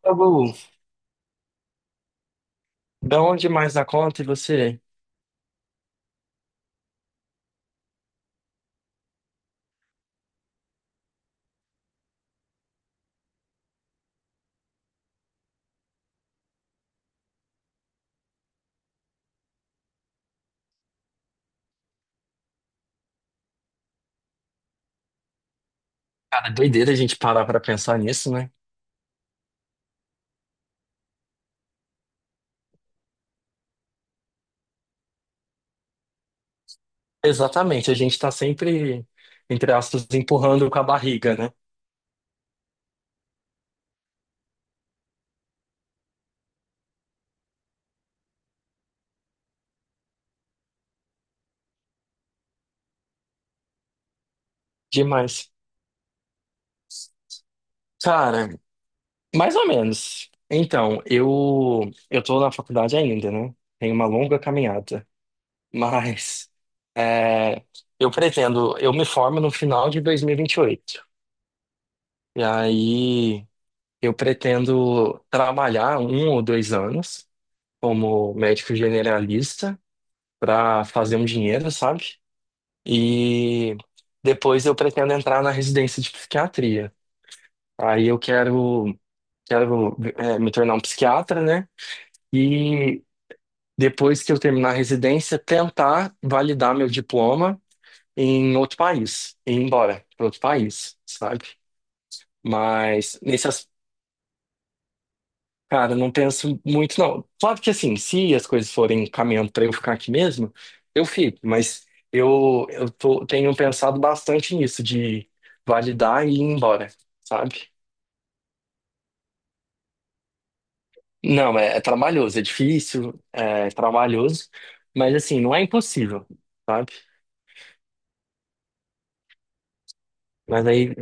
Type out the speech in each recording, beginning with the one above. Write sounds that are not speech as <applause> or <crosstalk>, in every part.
Tá bom. Da onde mais na conta e você? Cara, doideira a gente parar pra pensar nisso, né? Exatamente, a gente tá sempre, entre aspas, empurrando com a barriga, né? Demais. Cara, mais ou menos. Então, eu tô na faculdade ainda, né? Tem uma longa caminhada. Mas é, eu pretendo, eu me formo no final de 2028. E 28. E aí eu pretendo trabalhar um ou dois anos como médico generalista, para fazer um dinheiro, sabe? E depois eu pretendo entrar na residência de psiquiatria. Aí eu quero me tornar um psiquiatra, né? E depois que eu terminar a residência, tentar validar meu diploma em outro país, e ir embora para outro país, sabe? Mas nesse, Cara, eu não penso muito, não. Claro que assim, se as coisas forem caminhando para eu ficar aqui mesmo, eu fico, mas tenho pensado bastante nisso, de validar e ir embora, sabe? Não, é trabalhoso, é difícil, é trabalhoso, mas assim, não é impossível, sabe? Mas aí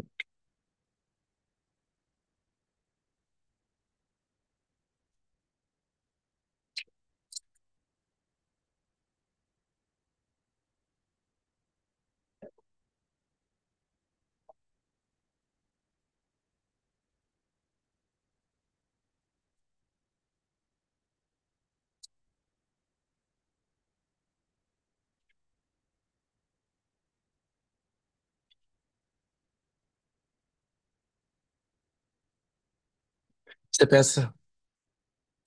você pensa,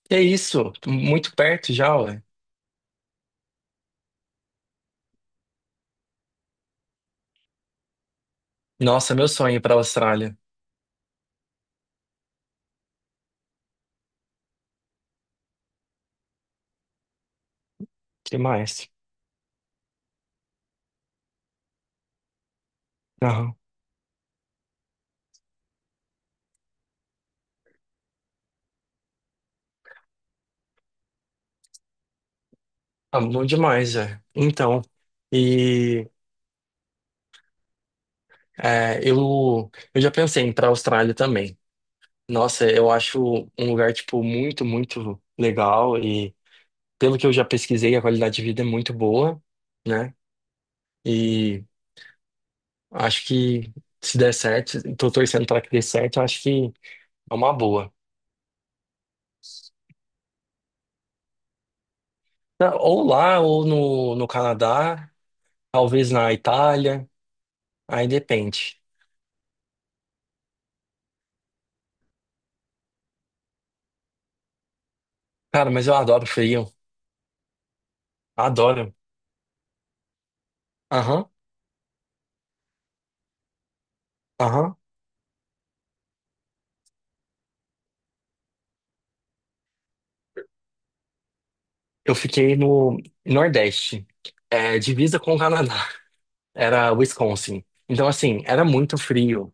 que é isso? Tô muito perto já, ué. Nossa, meu sonho é ir pra Austrália. Que mais? Aham. Ah, bom demais, é. Então. E é, eu já pensei em ir para a Austrália também. Nossa, eu acho um lugar, tipo, muito, muito legal e pelo que eu já pesquisei, a qualidade de vida é muito boa, né? E acho que se der certo, tô torcendo para que dê certo, eu acho que é uma boa. Ou lá, ou no, no Canadá, talvez na Itália, aí depende. Cara, mas eu adoro frio, adoro. Aham, aham. Eu fiquei no Nordeste, é, divisa com o Canadá. Era Wisconsin. Então, assim, era muito frio.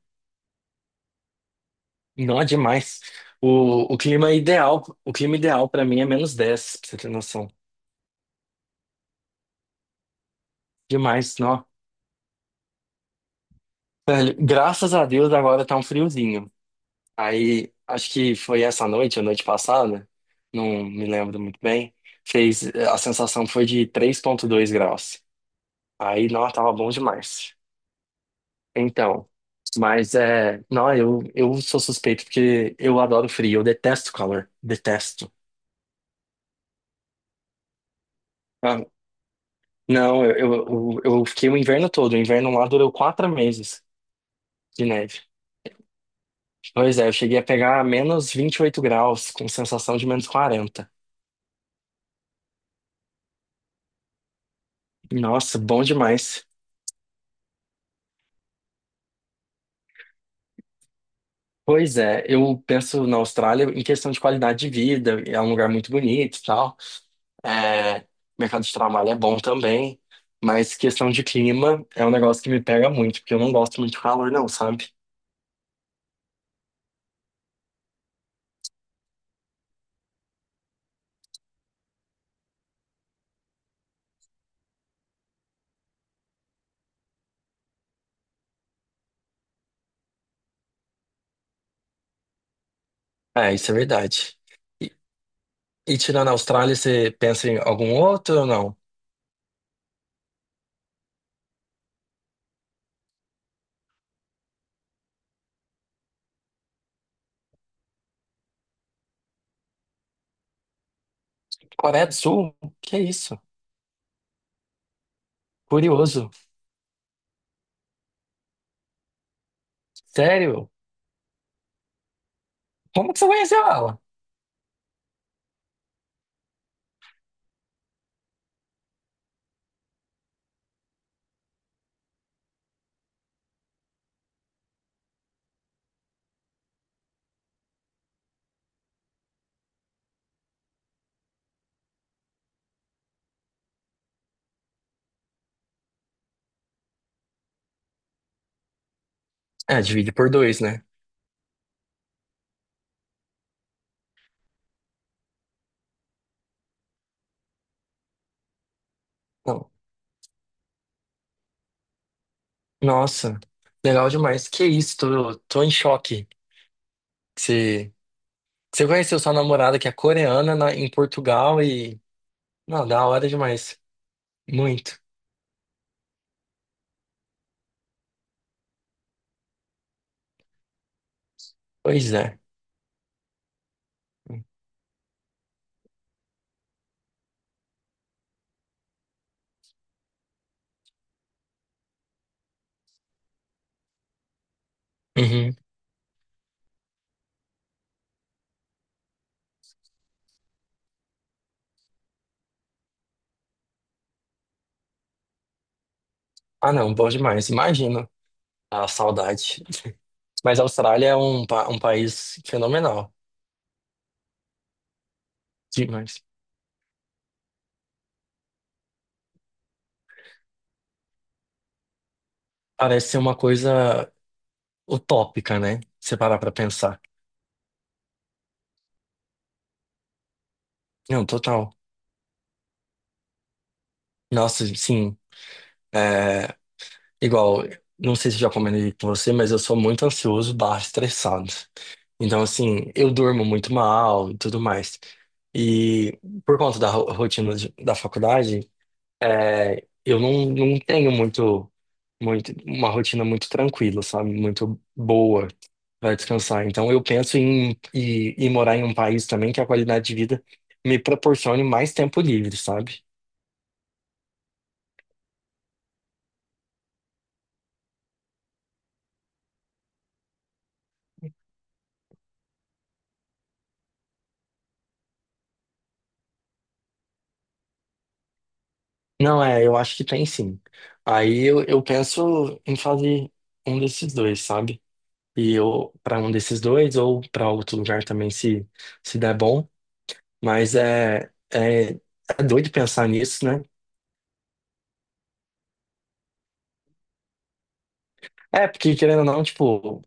Não, é demais. O clima ideal para mim é -10, pra você ter noção. Demais, não. Velho, graças a Deus agora tá um friozinho. Aí, acho que foi essa noite, a noite passada, não me lembro muito bem. Fez, a sensação foi de 3,2 graus. Aí, não, tava bom demais. Então, mas é, não, eu sou suspeito porque eu adoro frio, eu detesto calor, detesto. Ah, Não, eu fiquei o inverno todo. O inverno lá durou 4 meses de neve. Pois é, eu cheguei a pegar -28 graus, com sensação de -40. Nossa, bom demais. Pois é, eu penso na Austrália em questão de qualidade de vida, é um lugar muito bonito e tal. É, mercado de trabalho é bom também, mas questão de clima é um negócio que me pega muito, porque eu não gosto muito de calor, não, sabe? É, isso é verdade. E, e tirando a Austrália, você pensa em algum outro ou não? Coreia do Sul? Que é isso? Curioso. Sério? Como que você conheceu ela? É, divide por dois, né? Não. Nossa, legal demais. Que isso, tô em choque. Você, você conheceu sua namorada que é coreana em Portugal e. Não, da hora demais. Muito. Pois é. Uhum. Ah, não, bom demais. Imagino a saudade. Mas a Austrália é um, um país fenomenal. Demais. Parece ser uma coisa utópica, né? Se parar pra pensar. Não, total. Nossa, sim. É, igual, não sei se já comentei com você, mas eu sou muito ansioso barra estressado. Então, assim, eu durmo muito mal e tudo mais. E por conta da rotina da faculdade, é, eu não, não tenho muito, muito, uma rotina muito tranquila, sabe? Muito boa para descansar. Então eu penso em, em morar em um país também que a qualidade de vida me proporcione mais tempo livre, sabe? Não, é, eu acho que tem sim. Aí eu penso em fazer um desses dois, sabe? E ou para um desses dois ou para outro lugar também se der bom, mas é doido pensar nisso, né? É, porque querendo ou não, tipo,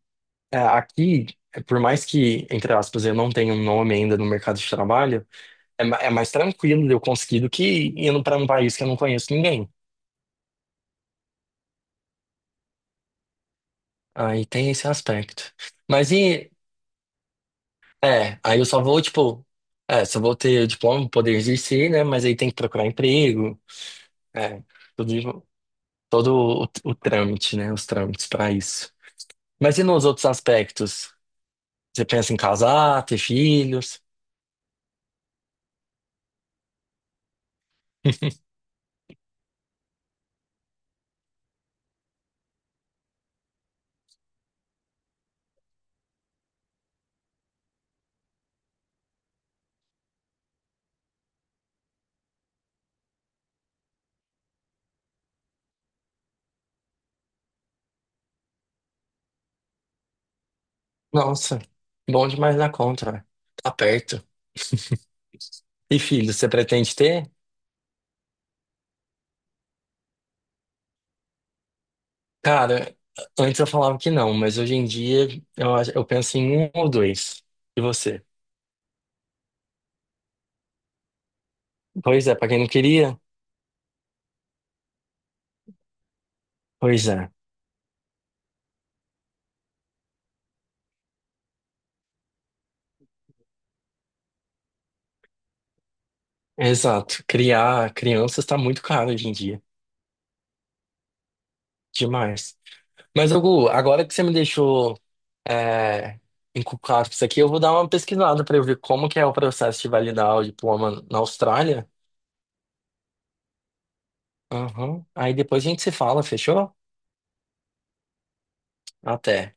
é, aqui, é, por mais que, entre aspas, eu não tenha um nome ainda no mercado de trabalho, é, é mais tranquilo de eu conseguir do que indo para um país que eu não conheço ninguém. Aí tem esse aspecto. Mas e, aí eu só vou, tipo, é, só vou ter diploma, poder exercer, né? Mas aí tem que procurar emprego, é, tudo isso. Todo o, o trâmite, né? Os trâmites para isso. Mas e nos outros aspectos? Você pensa em casar, ter filhos? <laughs> Nossa, bom demais na conta, velho. Tá perto. E filhos, você pretende ter? Cara, antes eu falava que não, mas hoje em dia eu penso em um ou dois. E você? Pois é, pra quem não queria? Pois é. Exato. Criar crianças tá muito caro hoje em dia. Demais. Mas, Hugo, agora que você me deixou é, encucado com isso aqui, eu vou dar uma pesquisada para eu ver como que é o processo de validar o diploma na Austrália. Aham. Aí depois a gente se fala, fechou? Até.